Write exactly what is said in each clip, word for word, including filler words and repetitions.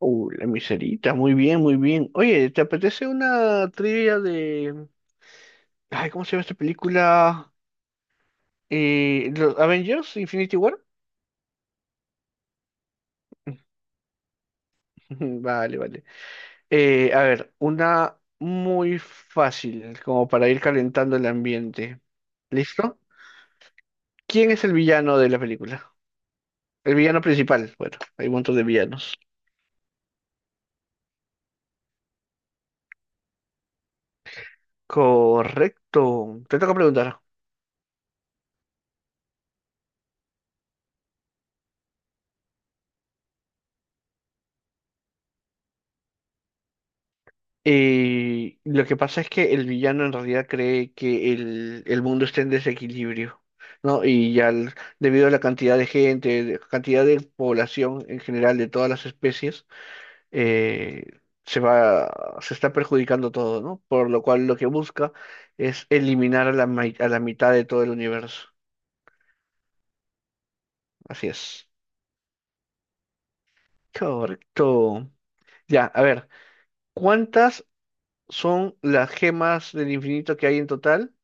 Uh, la miserita, muy bien, muy bien. Oye, ¿te apetece una trivia de? Ay, ¿cómo se llama esta película? Eh, ¿Los Avengers, Infinity War? Vale, vale. Eh, a ver, una muy fácil, como para ir calentando el ambiente. ¿Listo? ¿Quién es el villano de la película? El villano principal. Bueno, hay un montón de villanos. Correcto. Te toca preguntar. Eh, lo que pasa es que el villano en realidad cree que el, el mundo está en desequilibrio, ¿no? Y ya, al- debido a la cantidad de gente, de- cantidad de población en general de todas las especies, eh, se va, se está perjudicando todo, ¿no? Por lo cual lo que busca es eliminar a la, mai- a la mitad de todo el universo. Así es. Correcto. Ya, a ver, ¿cuántas son las gemas del infinito que hay en total?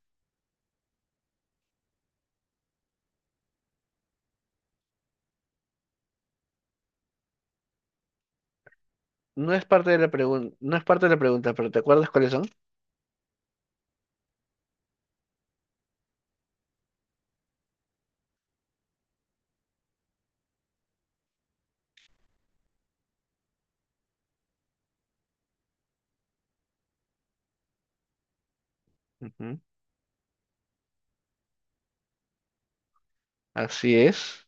No es parte de la pregunta, no es parte de la pregunta, pero ¿te acuerdas cuáles son? Ujú. Así es.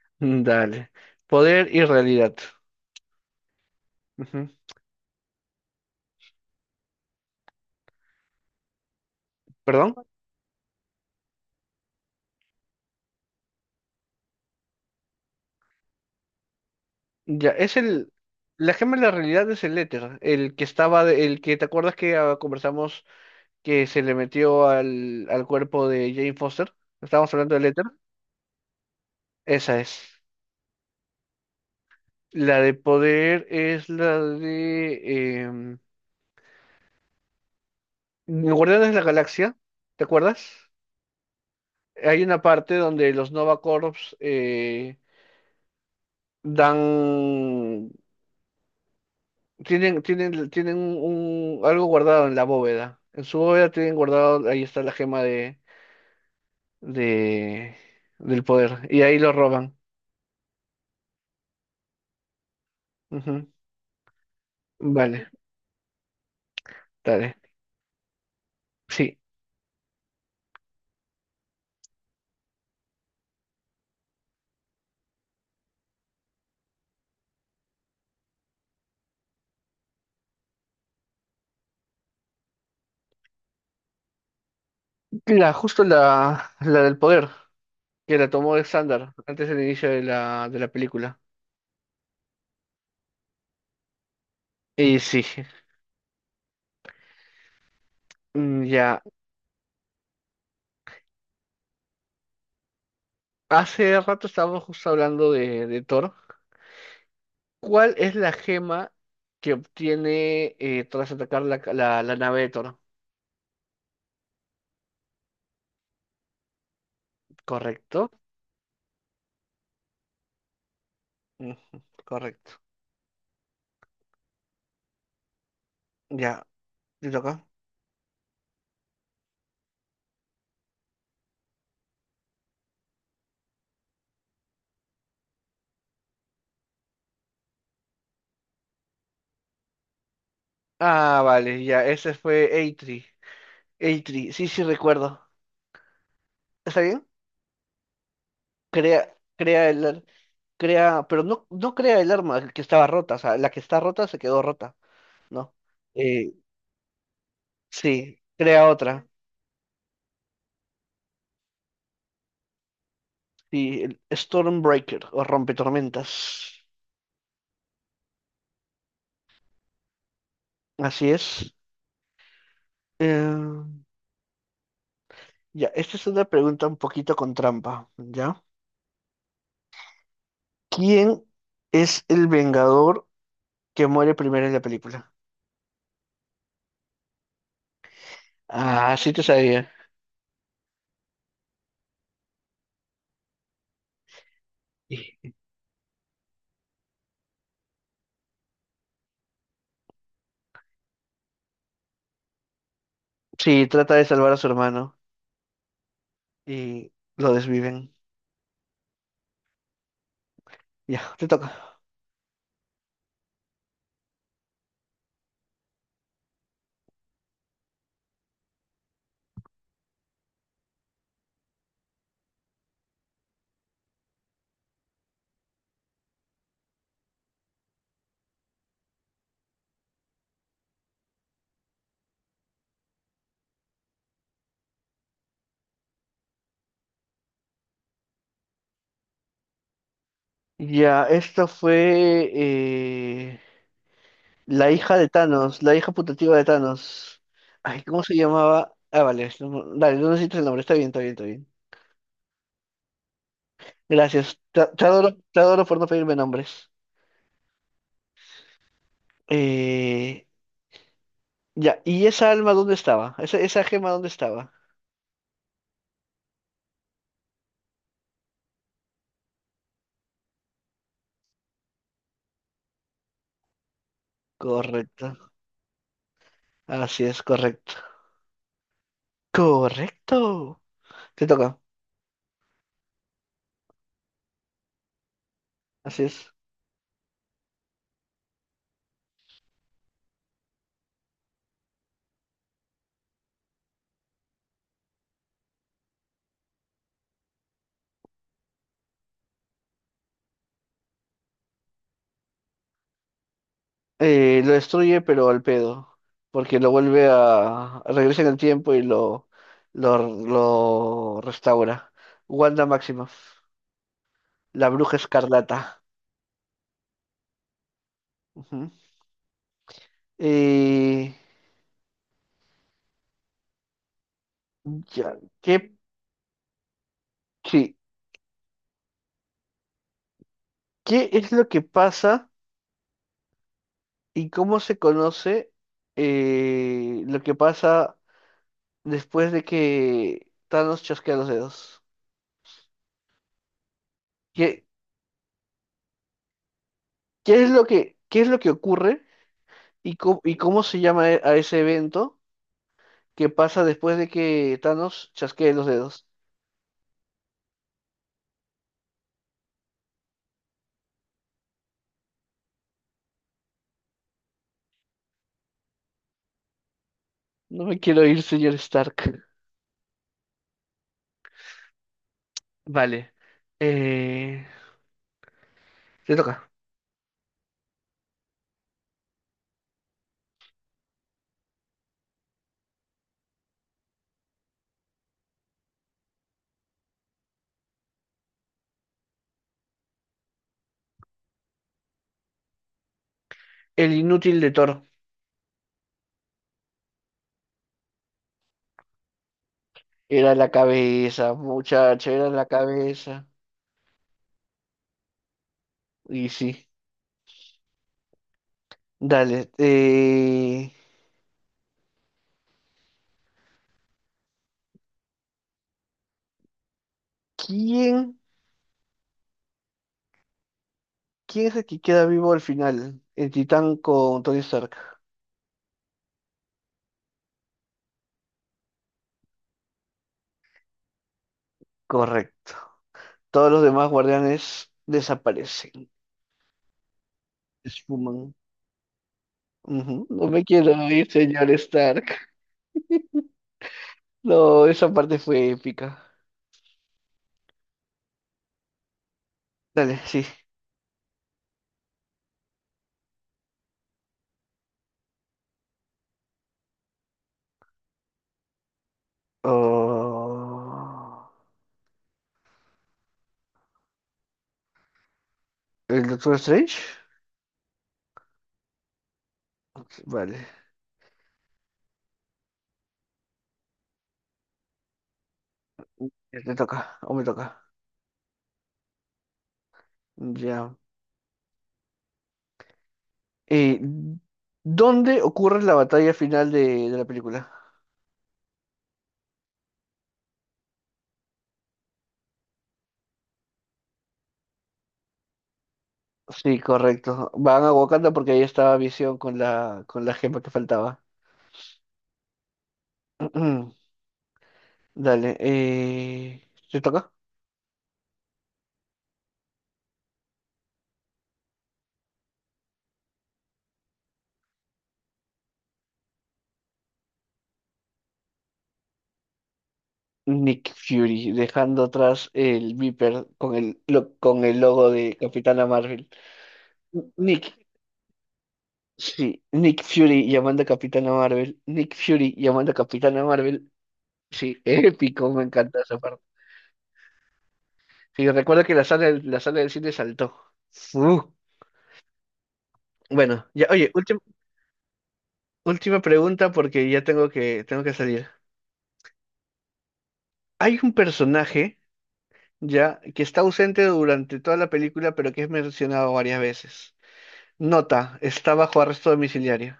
Dale. Poder y realidad. Ujú. ¿Perdón? Ya, es el. La gema de la realidad es el éter, el que estaba, de- el que te acuerdas que ah, conversamos que se le metió al, al cuerpo de Jane Foster. Estábamos hablando del éter. Esa es. La de poder es la de em, Guardianes de la Galaxia. ¿Te acuerdas? Hay una parte donde los Nova Corps eh, dan, tienen, tienen, tienen un, algo guardado en la bóveda. En su bóveda tienen guardado, ahí está la gema de, de, del poder. Y ahí lo roban. Ujú. Vale, dale. Sí, la, justo la, la del poder, que la tomó Alexander antes del inicio de la, de la película. Y sí, mm, ya. Hace rato estábamos justo hablando de, de Thor. ¿Cuál es la gema que obtiene eh, tras atacar la, ca- la, la nave de Toro? ¿Correcto? Ujú, correcto. Ya, ¿te toca? Ah, vale, ya, ese fue Eitri. Eitri, sí, sí, recuerdo. ¿Está bien? Crea, crea el, ar- crea, pero no, no crea el arma que estaba rota, o sea, la que está rota se quedó rota, ¿no? Eh, sí, crea otra. Sí, el Stormbreaker o rompetormentas. Así es. Eh, Ya, esta es una pregunta un poquito con trampa, ¿ya? ¿Quién es el Vengador que muere primero en la película? Ah, sí te sabía. Y- Sí, trata de salvar a su hermano y lo desviven. Ya, te toca. Ya, esta fue eh, la hija de Thanos, la hija putativa de Thanos. Ay, ¿cómo se llamaba? Ah, vale, no- no- dale, no necesitas el nombre, está bien, está bien, está bien. Gracias, te, te adoro, te adoro por no pedirme nombres. Eh, Ya, ¿y esa alma dónde estaba? ¿Esa, esa gema dónde estaba? Correcto. Así es, correcto. Correcto. Te toca. Así es. Eh, lo destruye, pero al pedo. Porque lo vuelve a. Regresa en el tiempo y lo, lo, lo restaura. Wanda Maximoff. La bruja escarlata. Ujú. Eh, ya, ¿qué, sí, ¿Qué es lo que pasa y cómo se conoce eh, lo que pasa después de que Thanos chasquea los dedos. ¿Qué, qué es lo que, qué es lo que ocurre y, cómo- y cómo se llama e- a ese evento que pasa después de que Thanos chasquee los dedos? No me quiero ir, señor Stark. Vale. Eh, te toca. El inútil de Thor. Era la cabeza, muchacho, era la cabeza. Y sí. Dale. eh, ¿quién, quién es el que queda vivo al final? El titán con Tony Stark. Correcto. Todos los demás guardianes desaparecen, esfuman. Ujú. No me quiero ir, señor Stark. No, esa parte fue épica. Dale, sí. Oh, ¿el Doctor Strange? Ok, vale, ya te toca, o me toca. Ya. Eh, ¿dónde ocurre la batalla final de, de la película? Sí, correcto. Van a Wakanda porque ahí estaba Visión con la, con la gema que faltaba. Dale, eh, ¿te toca? Nick Fury, dejando atrás el Viper con el, lo- con el logo de Capitana Marvel. Nick, sí, Nick Fury llamando a Capitana Marvel. Nick Fury llamando a Capitana Marvel. Sí, épico, me encanta esa parte. Sí, recuerdo que la sala, la sala del cine saltó. Uh, bueno, ya, oye, última, última pregunta porque ya tengo que, tengo que salir. Hay un personaje ya que está ausente durante toda la película, pero que es mencionado varias veces. Nota, está bajo arresto domiciliario.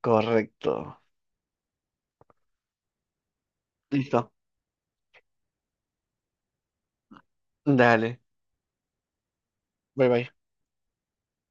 Correcto. Listo. Dale. Bye bye.